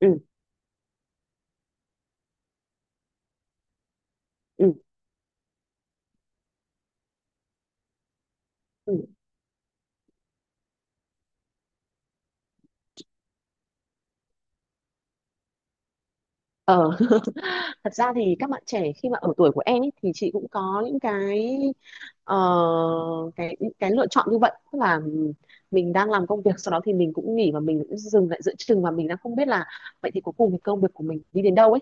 ừ ừ ừ ờ Thật ra thì các bạn trẻ khi mà ở tuổi của em ấy thì chị cũng có những cái ờ, lựa chọn như vậy, tức là mình đang làm công việc sau đó thì mình cũng nghỉ và mình cũng dừng lại giữa chừng và mình đang không biết là vậy thì cuối cùng thì công việc của mình đi đến đâu ấy.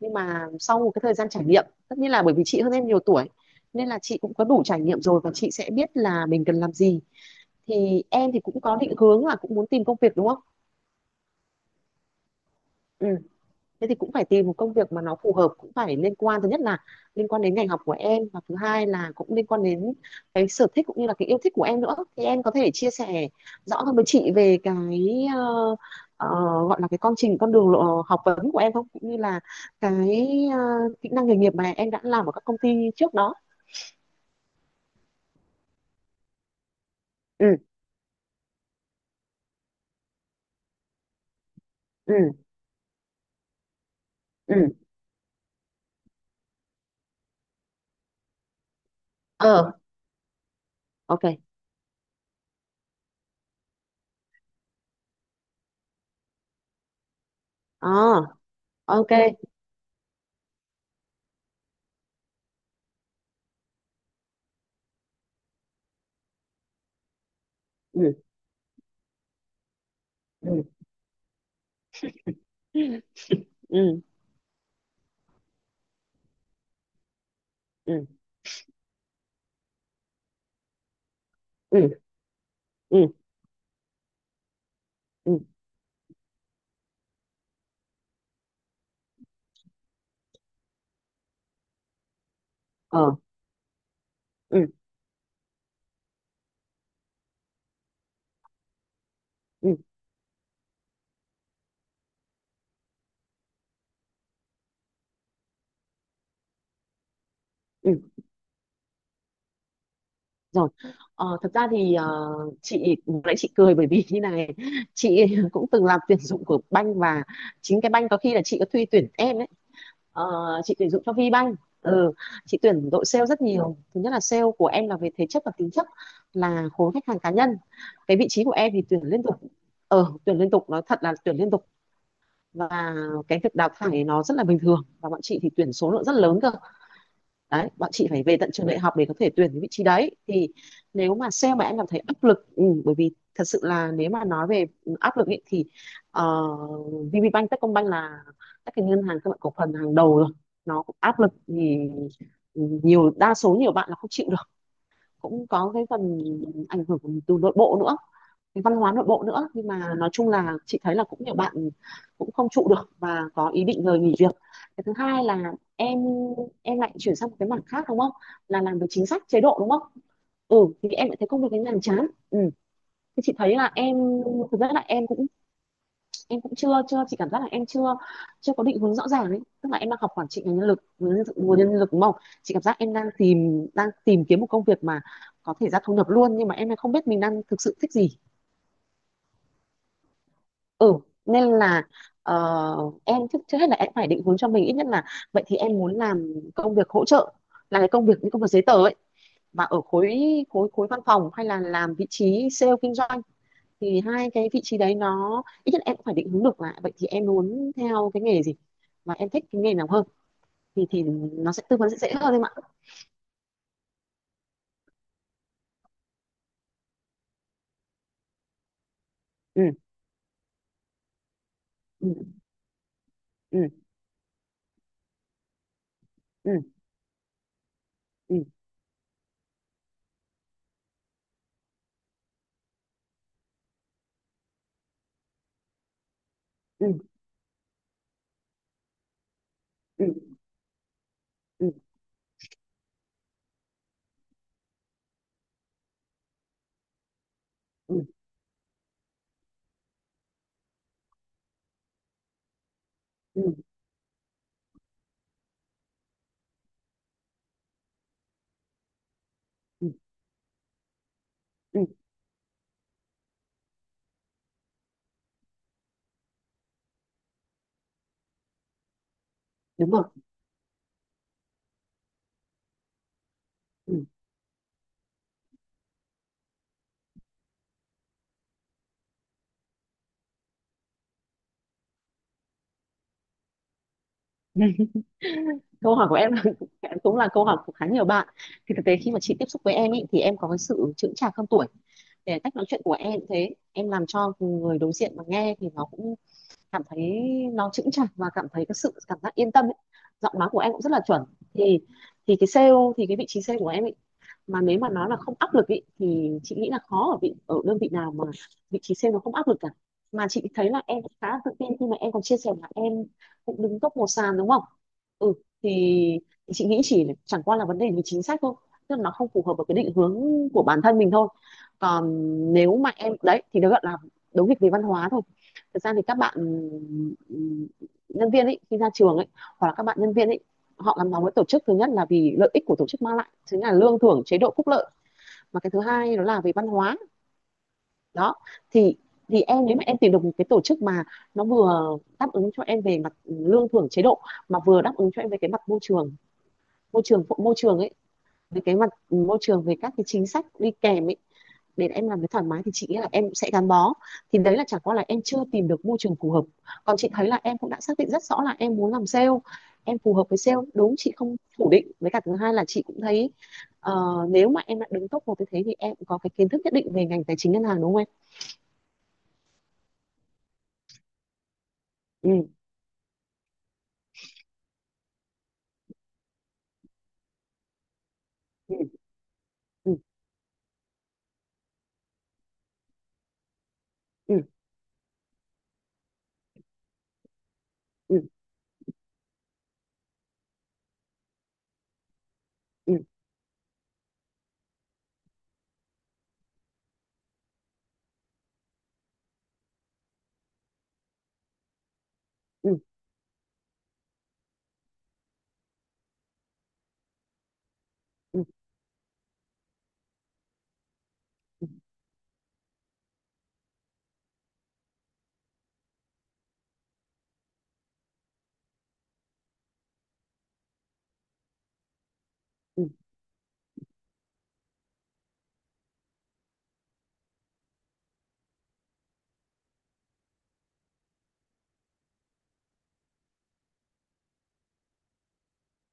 Nhưng mà sau một cái thời gian trải nghiệm, tất nhiên là bởi vì chị hơn em nhiều tuổi nên là chị cũng có đủ trải nghiệm rồi và chị sẽ biết là mình cần làm gì. Thì em thì cũng có định hướng là cũng muốn tìm công việc đúng không. Ừ, thế thì cũng phải tìm một công việc mà nó phù hợp, cũng phải liên quan, thứ nhất là liên quan đến ngành học của em, và thứ hai là cũng liên quan đến cái sở thích cũng như là cái yêu thích của em nữa. Thì em có thể chia sẻ rõ hơn với chị về ờ, gọi là cái con trình con đường lộ học vấn của em không, cũng như là cái ờ, kỹ năng nghề nghiệp mà em đã làm ở các công ty trước đó. ừ ừ ừ ờ ok. ờ ok. ừ ừ ừ ừ ừ ừ ừ ờ ừ ừ Rồi, ờ, thật ra thì chị lúc nãy chị cười bởi vì như này, chị cũng từng làm tuyển dụng của banh và chính cái banh có khi là chị có thuê tuyển em ấy. Ờ, chị tuyển dụng cho VBank. Ừ, chị tuyển đội sale rất nhiều, thứ nhất là sale của em là về thể chất và tính chất, là khối khách hàng cá nhân. Cái vị trí của em thì tuyển liên tục, tuyển liên tục, nói thật là tuyển liên tục. Và cái việc đào thải nó rất là bình thường, và bọn chị thì tuyển số lượng rất lớn cơ, đấy bọn chị phải về tận trường đại học để có thể tuyển cái vị trí đấy. Thì nếu mà sale mà em cảm thấy áp lực, ừ, bởi vì thật sự là nếu mà nói về áp lực ý, thì VPBank, Techcombank là các cái ngân hàng các bạn cổ phần hàng đầu rồi, nó cũng áp lực thì ừ, nhiều, đa số nhiều bạn là không chịu được. Cũng có cái phần ảnh hưởng từ nội bộ nữa, cái văn hóa nội bộ nữa, nhưng mà nói chung là chị thấy là cũng nhiều bạn cũng không trụ được và có ý định rời nghỉ việc. Cái thứ hai là em lại chuyển sang một cái mảng khác đúng không, là làm về chính sách chế độ đúng không. Ừ, thì em lại thấy công việc ấy nhàm chán. Ừ, thì chị thấy là em thực ra là em cũng chưa chưa chị cảm giác là em chưa chưa có định hướng rõ ràng ấy, tức là em đang học quản trị ngành nhân lực, nguồn nhân lực đúng không. Chị cảm giác em đang tìm kiếm một công việc mà có thể ra thu nhập luôn, nhưng mà em lại không biết mình đang thực sự thích gì. Ừ, nên là ờ, em trước trước hết là em phải định hướng cho mình ít nhất là vậy thì em muốn làm công việc hỗ trợ, là cái công việc những công việc giấy tờ ấy, mà ở khối, khối văn phòng, hay là làm vị trí sale kinh doanh. Thì hai cái vị trí đấy nó ít nhất em cũng phải định hướng được là vậy thì em muốn theo cái nghề gì, mà em thích cái nghề nào hơn. Thì nó sẽ tư vấn sẽ dễ hơn em ạ. Ừ ừ ừ ừ ừ ừ ừ ừ ừ ừ ừ Ừ, đúng rồi. Ừ, câu hỏi của em là- cũng là câu hỏi của khá nhiều bạn. Thì thực tế khi mà chị tiếp xúc với em ý, thì em có cái sự chững chạc hơn tuổi, để cách nói chuyện của em cũng thế, em làm cho người đối diện mà nghe thì nó cũng cảm thấy nó chững chạc và cảm thấy cái sự cảm giác yên tâm ấy. Giọng nói của em cũng rất là chuẩn. Thì thì cái sale thì cái vị trí sale của em ấy, mà nếu mà nó là không áp lực ý, thì chị nghĩ là khó, ở vị ở đơn vị nào mà vị trí sale nó không áp lực cả. Mà chị thấy là em cũng khá tự tin khi mà em còn chia sẻ là em cũng đứng top một sàn đúng không. Ừ, thì, thì chị nghĩ chỉ chẳng qua là vấn đề về chính sách thôi, tức là nó không phù hợp với cái định hướng của bản thân mình thôi. Còn nếu mà em đấy thì nó gọi là đấu nghịch về văn hóa thôi. Thực ra thì các bạn nhân viên ấy khi ra trường ấy, hoặc là các bạn nhân viên ấy, họ gắn bó với tổ chức thứ nhất là vì lợi ích của tổ chức mang lại chính là lương thưởng chế độ phúc lợi, mà cái thứ hai đó là về văn hóa đó. Thì thì em nếu mà em tìm được một cái tổ chức mà nó vừa đáp ứng cho em về mặt lương thưởng chế độ, mà vừa đáp ứng cho em về cái mặt môi trường, môi trường ấy, về cái mặt môi trường, về các cái chính sách đi kèm ấy, để em làm việc thoải mái, thì chị nghĩ là em sẽ gắn bó. Thì đấy là chẳng qua là em chưa tìm được môi trường phù hợp. Còn chị thấy là em cũng đã xác định rất rõ là em muốn làm sale, em phù hợp với sale đúng, chị không phủ định. Với cả thứ hai là chị cũng thấy ờ, nếu mà em đã đứng top một như thế thì em cũng có cái kiến thức nhất định về ngành tài chính ngân hàng đúng không em. Ừ ừ ừ ừ ừ ừ ừ ừ ừ ừ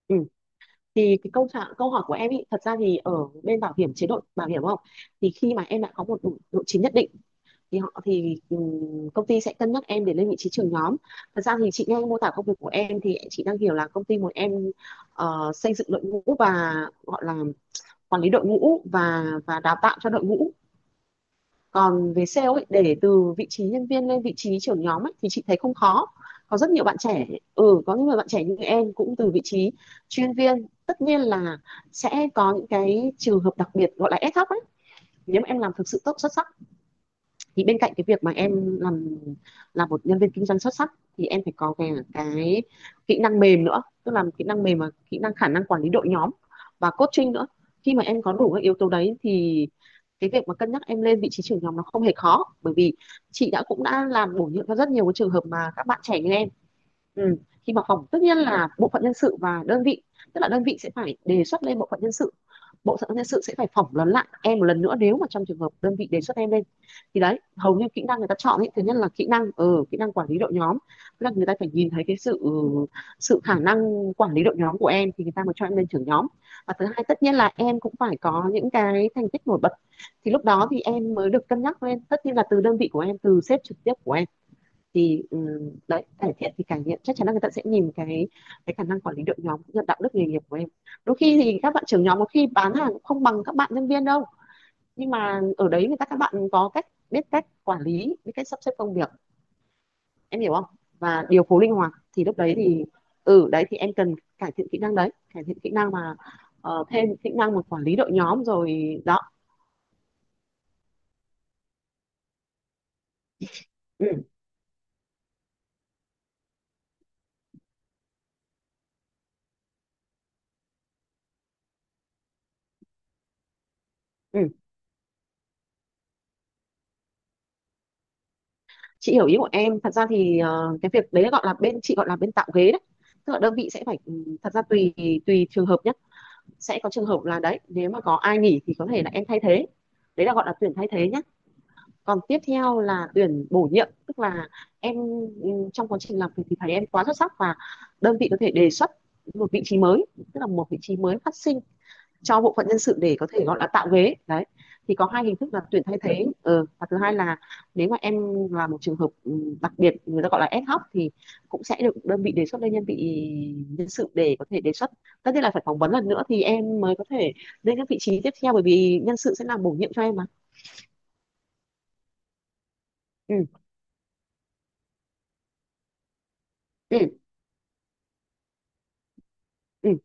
ừ. Thì cái câu hỏi của em ý, thật ra thì ở bên bảo hiểm chế độ bảo hiểm không, thì khi mà em đã có một độ chín nhất định thì họ thì công ty sẽ cân nhắc em để lên vị trí trưởng nhóm. Thật ra thì chị nghe mô tả công việc của em thì chị đang hiểu là công ty muốn em xây dựng đội ngũ và gọi là quản lý đội ngũ và đào tạo cho đội ngũ. Còn về sale ấy, để từ vị trí nhân viên lên vị trí trưởng nhóm ấy, thì chị thấy không khó. Có rất nhiều bạn trẻ, ừ có những người bạn trẻ như em cũng từ vị trí chuyên viên, tất nhiên là sẽ có những cái trường hợp đặc biệt gọi là ad hoc ấy, nếu mà em làm thực sự tốt xuất sắc. Thì bên cạnh cái việc mà em làm là một nhân viên kinh doanh xuất sắc, thì em phải có cái kỹ năng mềm nữa, tức là kỹ năng mềm và kỹ năng khả năng quản lý đội nhóm và coaching nữa. Khi mà em có đủ các yếu tố đấy thì cái việc mà cân nhắc em lên vị trí trưởng nhóm nó không hề khó, bởi vì chị đã cũng đã làm bổ nhiệm cho rất nhiều cái trường hợp mà các bạn trẻ như em. Ừ. Khi mà phỏng, tất nhiên là bộ phận nhân sự và đơn vị, tức là đơn vị sẽ phải đề xuất lên bộ phận nhân sự, bộ phận nhân sự sẽ phải phỏng vấn lại em một lần nữa nếu mà trong trường hợp đơn vị đề xuất em lên. Thì đấy hầu như kỹ năng người ta chọn ấy, thứ nhất là kỹ năng kỹ năng quản lý đội nhóm, tức là người ta phải nhìn thấy cái sự ừ, sự khả năng quản lý đội nhóm của em thì người ta mới cho em lên trưởng nhóm. Và thứ hai tất nhiên là em cũng phải có những cái thành tích nổi bật, thì lúc đó thì em mới được cân nhắc lên, tất nhiên là từ đơn vị của em, từ sếp trực tiếp của em. thì ừ, Đấy, cải thiện thì cải thiện chắc chắn là người ta sẽ nhìn cái khả năng quản lý đội nhóm cũng như đạo đức nghề nghiệp của em. Đôi khi thì các bạn trưởng nhóm có khi bán hàng cũng không bằng các bạn nhân viên đâu, nhưng mà ở đấy người ta các bạn có cách biết cách quản lý, biết cách sắp xếp công việc, em hiểu không, và điều phối linh hoạt. Thì lúc đấy thì ừ đấy thì em cần cải thiện kỹ năng đấy, cải thiện kỹ năng mà thêm kỹ năng mà quản lý đội nhóm rồi đó. ừ, ừ. Chị hiểu ý của em. Thật ra thì cái việc đấy gọi là bên chị gọi là bên tạo ghế đấy, tức là đơn vị sẽ phải thật ra tùy tùy trường hợp nhé. Sẽ có trường hợp là đấy nếu mà có ai nghỉ thì có thể là em thay thế, đấy là gọi là tuyển thay thế nhé. Còn tiếp theo là tuyển bổ nhiệm, tức là em trong quá trình làm việc thì thấy em quá xuất sắc và đơn vị có thể đề xuất một vị trí mới, tức là một vị trí mới phát sinh cho bộ phận nhân sự để có thể gọi là tạo ghế đấy. Thì có hai hình thức là tuyển thay thế, ừ. Và thứ hai là nếu mà em là một trường hợp đặc biệt người ta gọi là ad hoc thì cũng sẽ được đơn vị đề xuất lên nhân sự để có thể đề xuất, tất nhiên là phải phỏng vấn lần nữa thì em mới có thể lên các vị trí tiếp theo, bởi vì nhân sự sẽ làm bổ nhiệm cho em mà. ừ ừ ừ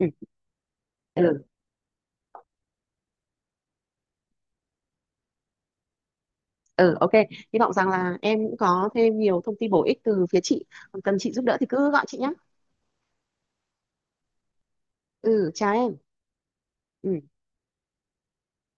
ừ ừ, ừ ok, hy vọng rằng là em cũng có thêm nhiều thông tin bổ ích từ phía chị. Còn cần chị giúp đỡ thì cứ gọi chị nhé. Ừ, chào em. Ừ.